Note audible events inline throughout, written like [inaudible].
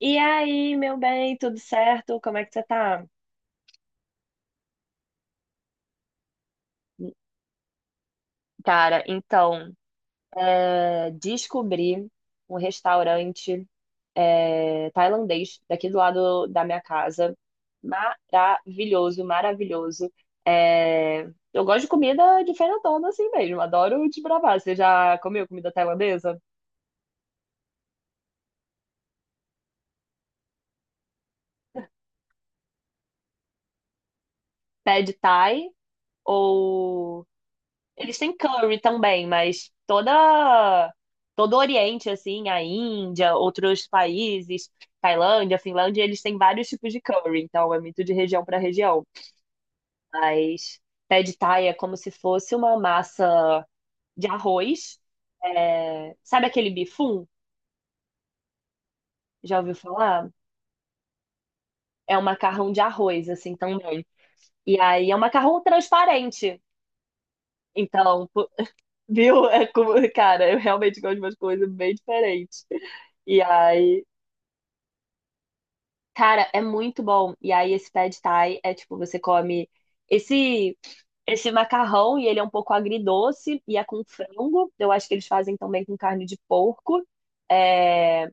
E aí, meu bem, tudo certo? Como é que você tá? Cara, então, descobri um restaurante tailandês daqui do lado da minha casa. Maravilhoso, maravilhoso. É, eu gosto de comida diferentona assim mesmo, adoro desbravar. Você já comeu comida tailandesa? Pad Thai ou eles têm curry também, mas toda todo o Oriente assim, a Índia, outros países, Tailândia, Finlândia, eles têm vários tipos de curry, então é muito de região para região. Mas pad thai é como se fosse uma massa de arroz. É, sabe aquele bifum? Já ouviu falar? É um macarrão de arroz assim também. E aí é um macarrão transparente. Então, pô, viu? Cara, eu realmente gosto de umas coisas bem diferentes. E aí, cara, é muito bom. E aí, esse pad thai é tipo, você come esse esse macarrão e ele é um pouco agridoce e é com frango. Eu acho que eles fazem também com carne de porco. É,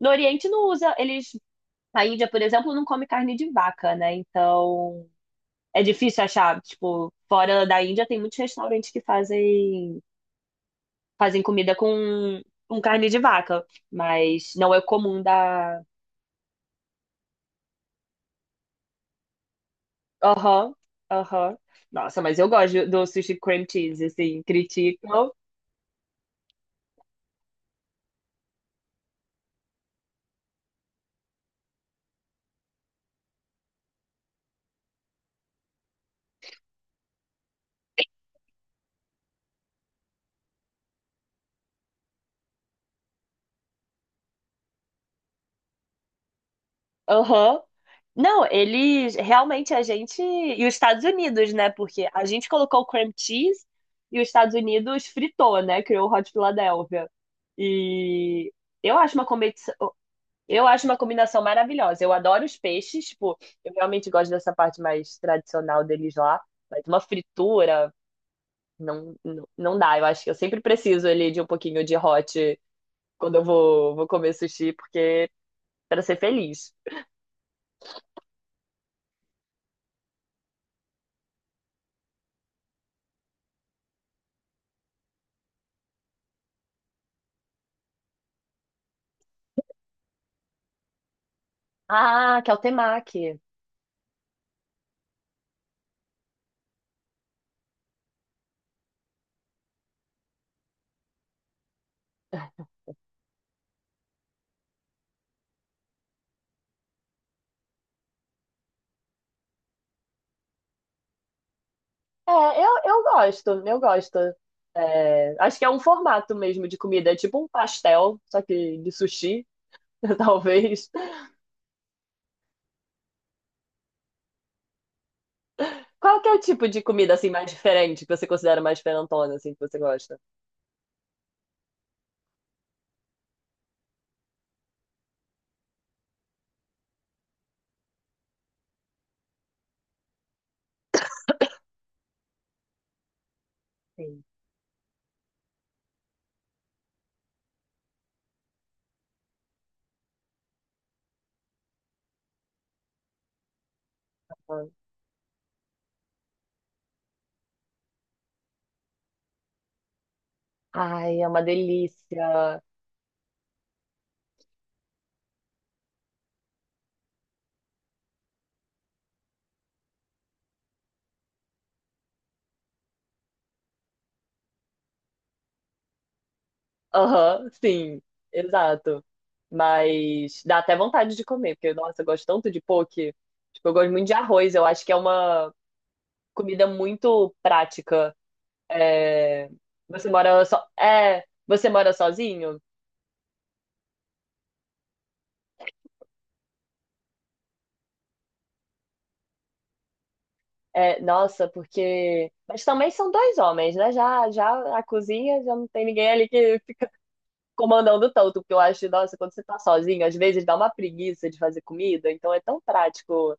no Oriente não usa, eles. A Índia, por exemplo, não come carne de vaca, né? Então é difícil achar. Tipo, fora da Índia tem muitos restaurantes que fazem comida com carne de vaca, mas não é comum da aham, aham. Nossa, mas eu gosto do sushi cream cheese, assim, criticam. Aham. Não, eles realmente a gente. E os Estados Unidos, né? Porque a gente colocou o cream cheese e os Estados Unidos fritou, né? Criou o Hot Philadelphia. E eu acho uma competição. Eu acho uma combinação maravilhosa. Eu adoro os peixes, tipo, eu realmente gosto dessa parte mais tradicional deles lá. Mas uma fritura, não, não, não dá. Eu acho que eu sempre preciso ali de um pouquinho de hot. Quando eu vou comer sushi, porque para ser feliz. Ah, que é o temaki. É, eu gosto, eu gosto. É, acho que é um formato mesmo de comida, é tipo um pastel, só que de sushi, [laughs] talvez. Qual que é o tipo de comida assim mais diferente que você considera mais diferentona, assim, que você gosta? Sim. Ai, é uma delícia. Aham, sim, exato. Mas dá até vontade de comer, porque, nossa, eu gosto tanto de poke. Tipo, eu gosto muito de arroz, eu acho que é uma comida muito prática. É, é, você mora sozinho? É, nossa, porque. Mas também são dois homens, né? Já a cozinha já não tem ninguém ali que fica comandando tanto, porque eu acho que, nossa, quando você tá sozinho, às vezes dá uma preguiça de fazer comida, então é tão prático.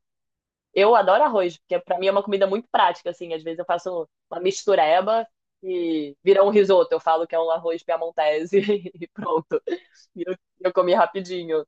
Eu adoro arroz, porque pra mim é uma comida muito prática, assim. Às vezes eu faço uma mistureba e vira um risoto. Eu falo que é um arroz piamontese [laughs] e pronto. E eu comi rapidinho.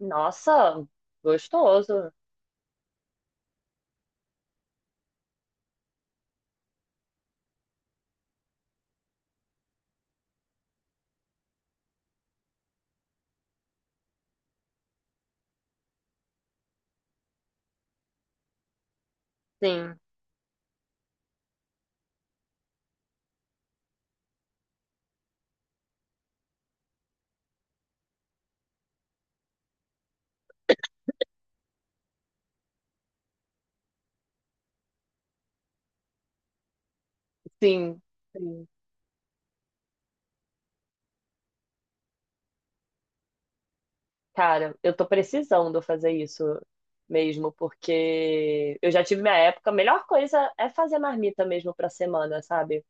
Nossa, gostoso. Sim, sim, sim. Cara, eu tô precisando fazer isso mesmo, porque eu já tive minha época. A melhor coisa é fazer marmita mesmo pra semana, sabe?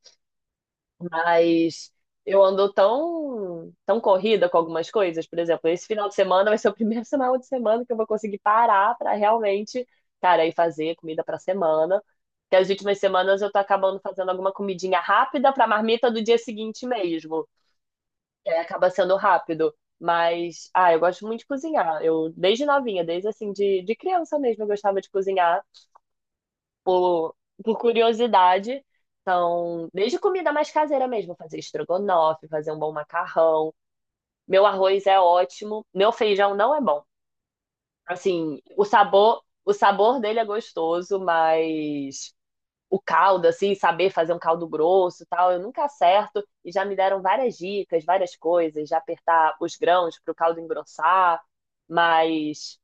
Mas eu ando tão corrida com algumas coisas. Por exemplo, esse final de semana vai ser o primeiro [laughs] final de semana que eu vou conseguir parar pra realmente, cara, ir fazer comida pra semana. Que as últimas semanas eu tô acabando fazendo alguma comidinha rápida pra marmita do dia seguinte mesmo. E aí acaba sendo rápido. Mas, ah, eu gosto muito de cozinhar. Eu, desde novinha, desde assim, de criança mesmo, eu gostava de cozinhar por, por curiosidade. Então, desde comida mais caseira mesmo, fazer estrogonofe, fazer um bom macarrão. Meu arroz é ótimo, meu feijão não é bom. Assim, o sabor dele é gostoso, mas o caldo, assim, saber fazer um caldo grosso e tal. Eu nunca acerto e já me deram várias dicas, várias coisas, já apertar os grãos para o caldo engrossar. Mas,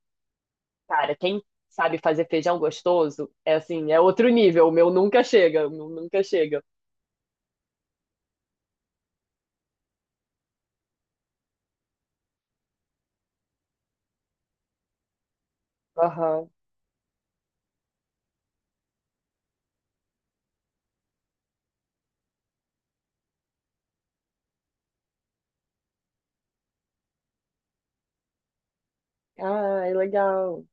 cara, quem sabe fazer feijão gostoso é assim, é outro nível. O meu nunca chega, o meu nunca chega. Aham. Ah, é legal.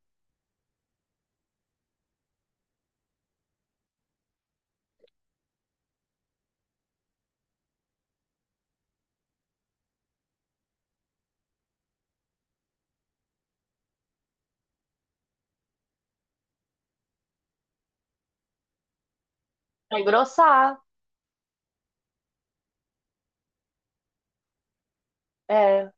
Pra engrossar, é.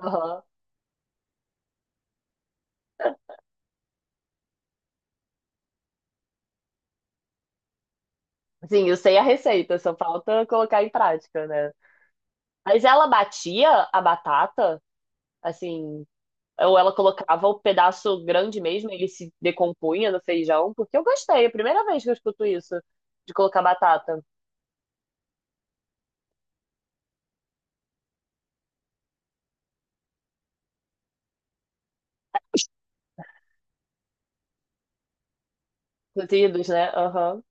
Aham. Sim, eu sei a receita, só falta colocar em prática, né? Mas ela batia a batata, assim, ou ela colocava o pedaço grande mesmo, ele se decompunha no feijão, porque eu gostei, é a primeira vez que eu escuto isso, de colocar batata. Cozidos, né? Aham.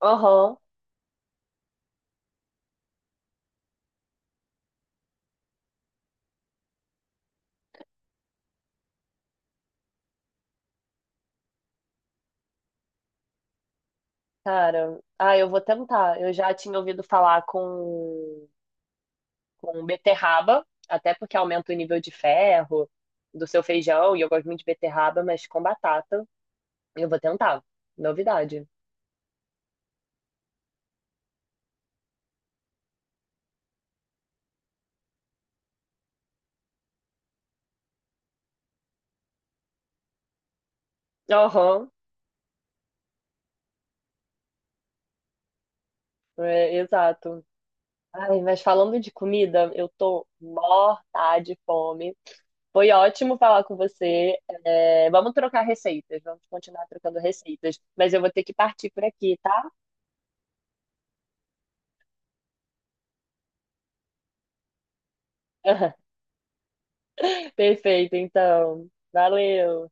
Aham. Cara, ah, eu vou tentar. Eu já tinha ouvido falar com beterraba, até porque aumenta o nível de ferro do seu feijão, e eu gosto muito de beterraba, mas com batata, eu vou tentar. Novidade. Aham, é, exato. Ai, mas falando de comida, eu tô morta de fome. Foi ótimo falar com você. É, vamos trocar receitas, vamos continuar trocando receitas. Mas eu vou ter que partir por aqui, tá? [laughs] Perfeito, então. Valeu.